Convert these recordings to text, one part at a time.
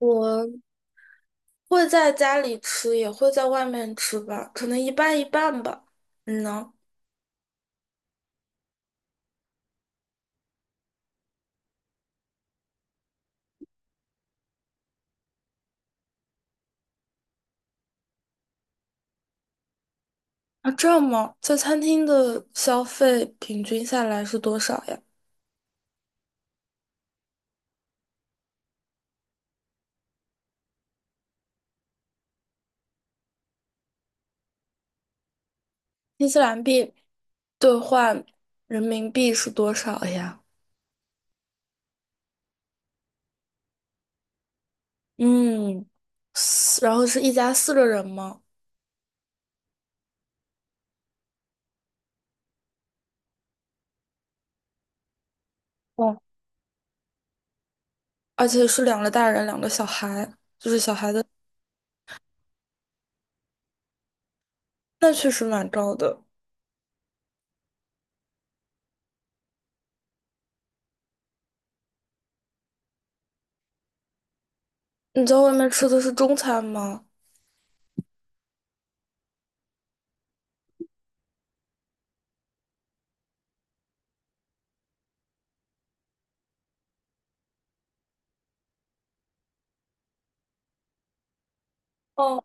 我会在家里吃，也会在外面吃吧，可能一半一半吧。你呢？啊，这样吗？在餐厅的消费平均下来是多少呀？新西兰币兑换人民币是多少呀？嗯，然后是一家四个人吗？哦，而且是两个大人，两个小孩，就是小孩的，那确实蛮高的。你在外面吃的是中餐吗？哦，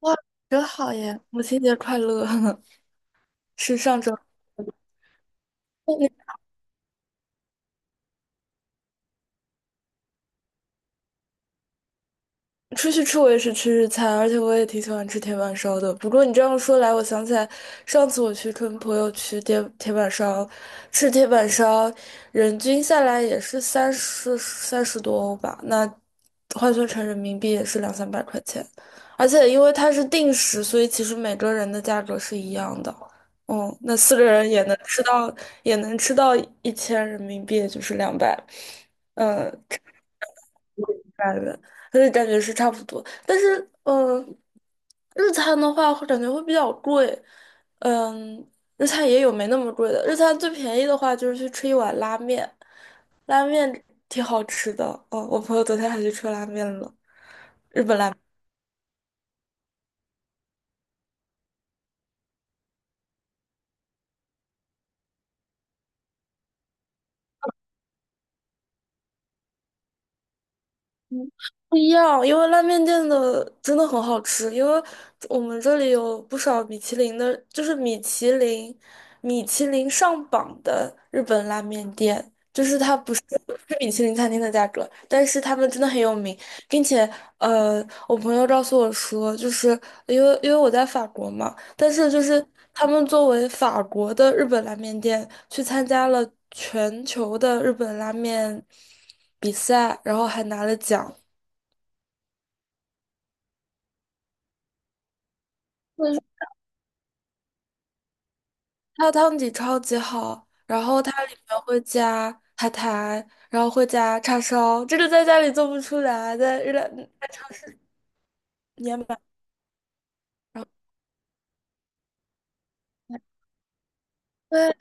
哇，真好耶！母亲节快乐！是上周。那你出去吃我也是吃日餐，而且我也挺喜欢吃铁板烧的。不过你这样说来，我想起来上次我去跟朋友去铁铁板烧吃铁板烧，人均下来也是三十多欧吧，那换算成人民币也是两三百块钱。而且因为它是定时，所以其实每个人的价格是一样的。嗯，那四个人也能吃到，也能吃到1000人民币，也就是200。嗯。感觉，而且感觉是差不多。但是，嗯，日餐的话，会感觉会比较贵。嗯，日餐也有没那么贵的。日餐最便宜的话，就是去吃一碗拉面，拉面挺好吃的。哦，我朋友昨天还去吃拉面了，日本拉。不一样，因为拉面店的真的很好吃，因为我们这里有不少米其林的，就是米其林、米其林上榜的日本拉面店，就是它不是米其林餐厅的价格，但是他们真的很有名，并且我朋友告诉我说，就是因为我在法国嘛，但是就是他们作为法国的日本拉面店去参加了全球的日本拉面比赛，然后还拿了奖。就是它汤底超级好，然后它里面会加海苔，然后会加叉烧，这个在家里做不出来，在日料也买。然后对，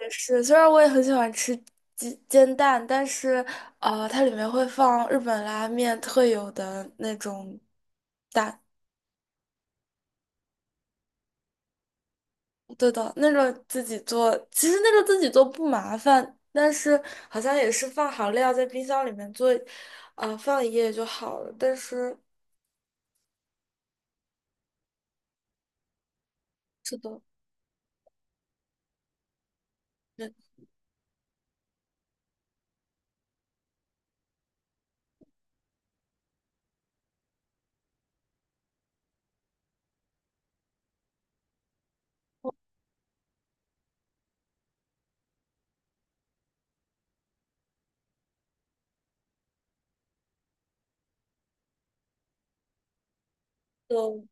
也是，虽然我也很喜欢吃煎蛋，但是它里面会放日本拉面特有的那种蛋，对的，那种自己做，其实那个自己做不麻烦，但是好像也是放好料在冰箱里面做，放一夜就好了，但是。是的。没错，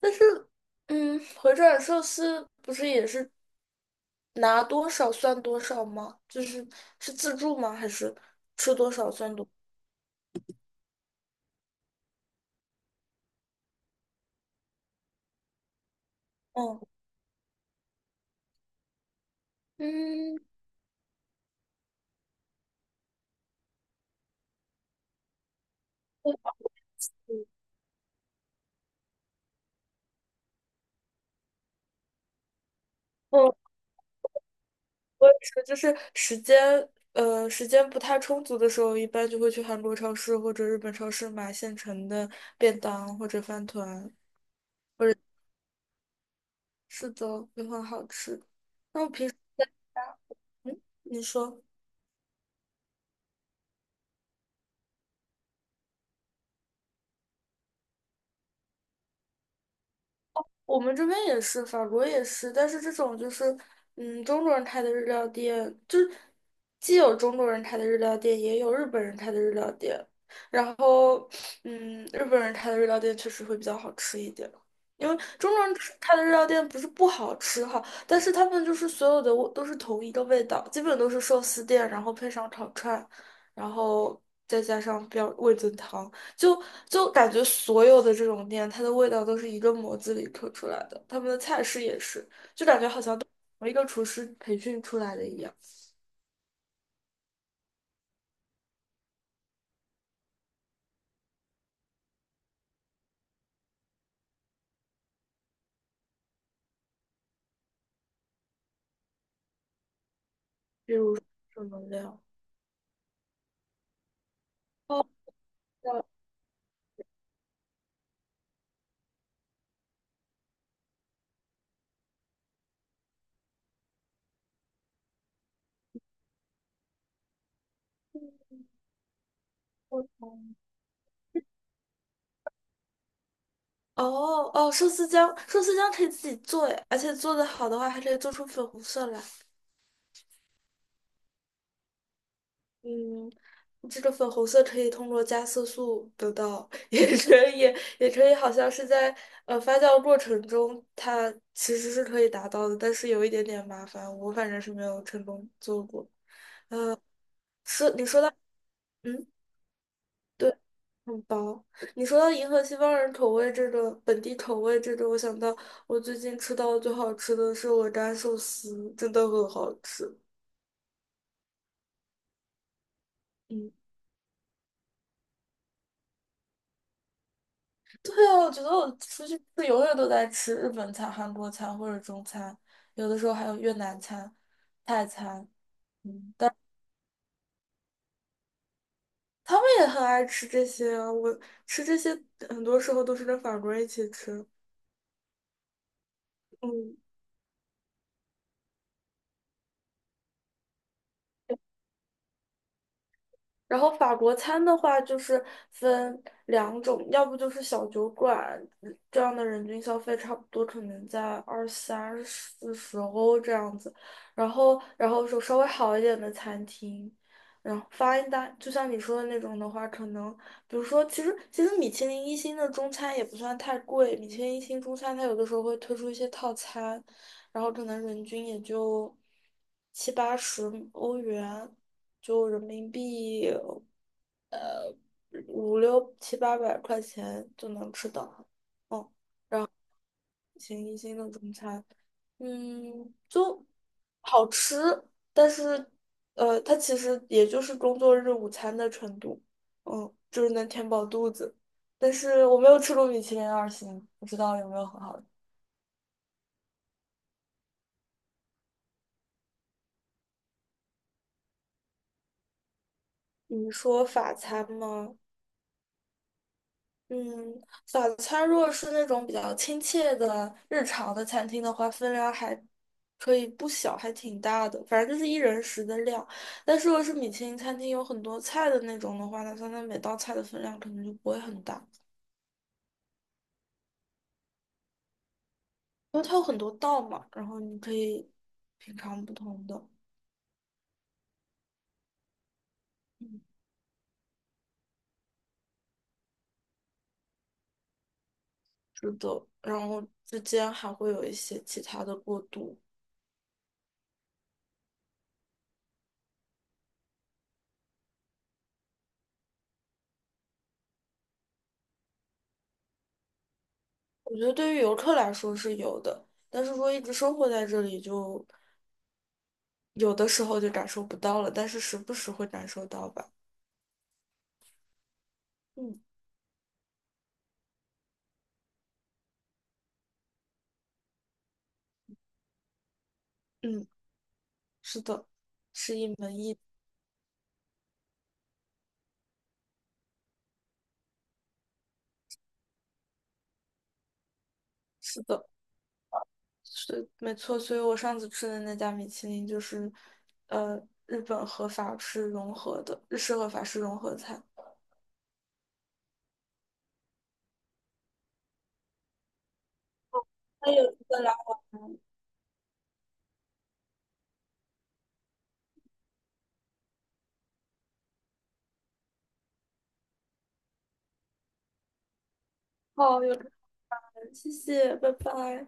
但是，嗯，回转寿司不是也是拿多少算多少吗？就是是自助吗？还是吃多少算多？嗯嗯，我我我也是，就是时间不太充足的时候，一般就会去韩国超市或者日本超市买现成的便当或者饭团，或者是的，也很好吃。那我平时，嗯，你说。我们这边也是，法国也是，但是这种就是，中国人开的日料店，就是既有中国人开的日料店，也有日本人开的日料店。然后，日本人开的日料店确实会比较好吃一点，因为中国人开的日料店不是不好吃哈，但是他们就是所有的味都是同一个味道，基本都是寿司店，然后配上烤串，然后再加上标味增汤。就就感觉所有的这种店，它的味道都是一个模子里刻出来的，他们的菜式也是，就感觉好像都是同一个厨师培训出来的一样。比如说什么料，哦，不同哦哦，寿司姜，寿司姜可以自己做诶，而且做的好的话，还可以做出粉红色来。嗯，这个粉红色可以通过加色素得到，也可以，也可以，好像是在发酵过程中，它其实是可以达到的，但是有一点点麻烦，我反正是没有成功做过。你说到，嗯，对，很薄。你说到银河西方人口味这个本地口味这个，我想到我最近吃到的最好吃的是鹅肝寿司，真的很好吃。嗯。对啊，我觉得我出去吃永远都在吃日本餐、韩国餐或者中餐，有的时候还有越南餐、泰餐，嗯，但他们也很爱吃这些啊。我吃这些很多时候都是跟法国人一起吃，嗯，然后法国餐的话，就是分两种，要不就是小酒馆，这样的人均消费差不多可能在二三四十欧这样子，然后说稍微好一点的餐厅，然后 f i n 就像你说的那种的话，可能比如说，其实米其林一星的中餐也不算太贵，米其林一星中餐它有的时候会推出一些套餐，然后可能人均也就七八十欧元，就人民币五六七八百块钱就能吃到，嗯，一星的中餐，就好吃，但是它其实也就是工作日午餐的程度，就是能填饱肚子。但是我没有吃过米其林二星，不知道有没有很好的。你说法餐吗？嗯，早餐如果是那种比较亲切的日常的餐厅的话，分量还可以不小，还挺大的，反正就是一人食的量。但是如果是米其林餐厅有很多菜的那种的话，那它那每道菜的分量可能就不会很大，因为它有很多道嘛，然后你可以品尝不同的。嗯，是的，然后之间还会有一些其他的过渡，我觉得对于游客来说是有的，但是说一直生活在这里就。有的时候就感受不到了，但是时不时会感受到吧。嗯嗯，是的，是一门艺，是的，是没错。所以我上次吃的那家米其林就是，呃，日本和法式融合的，日式和法式融合菜。还有一个啦，好，有可能，谢谢，拜拜。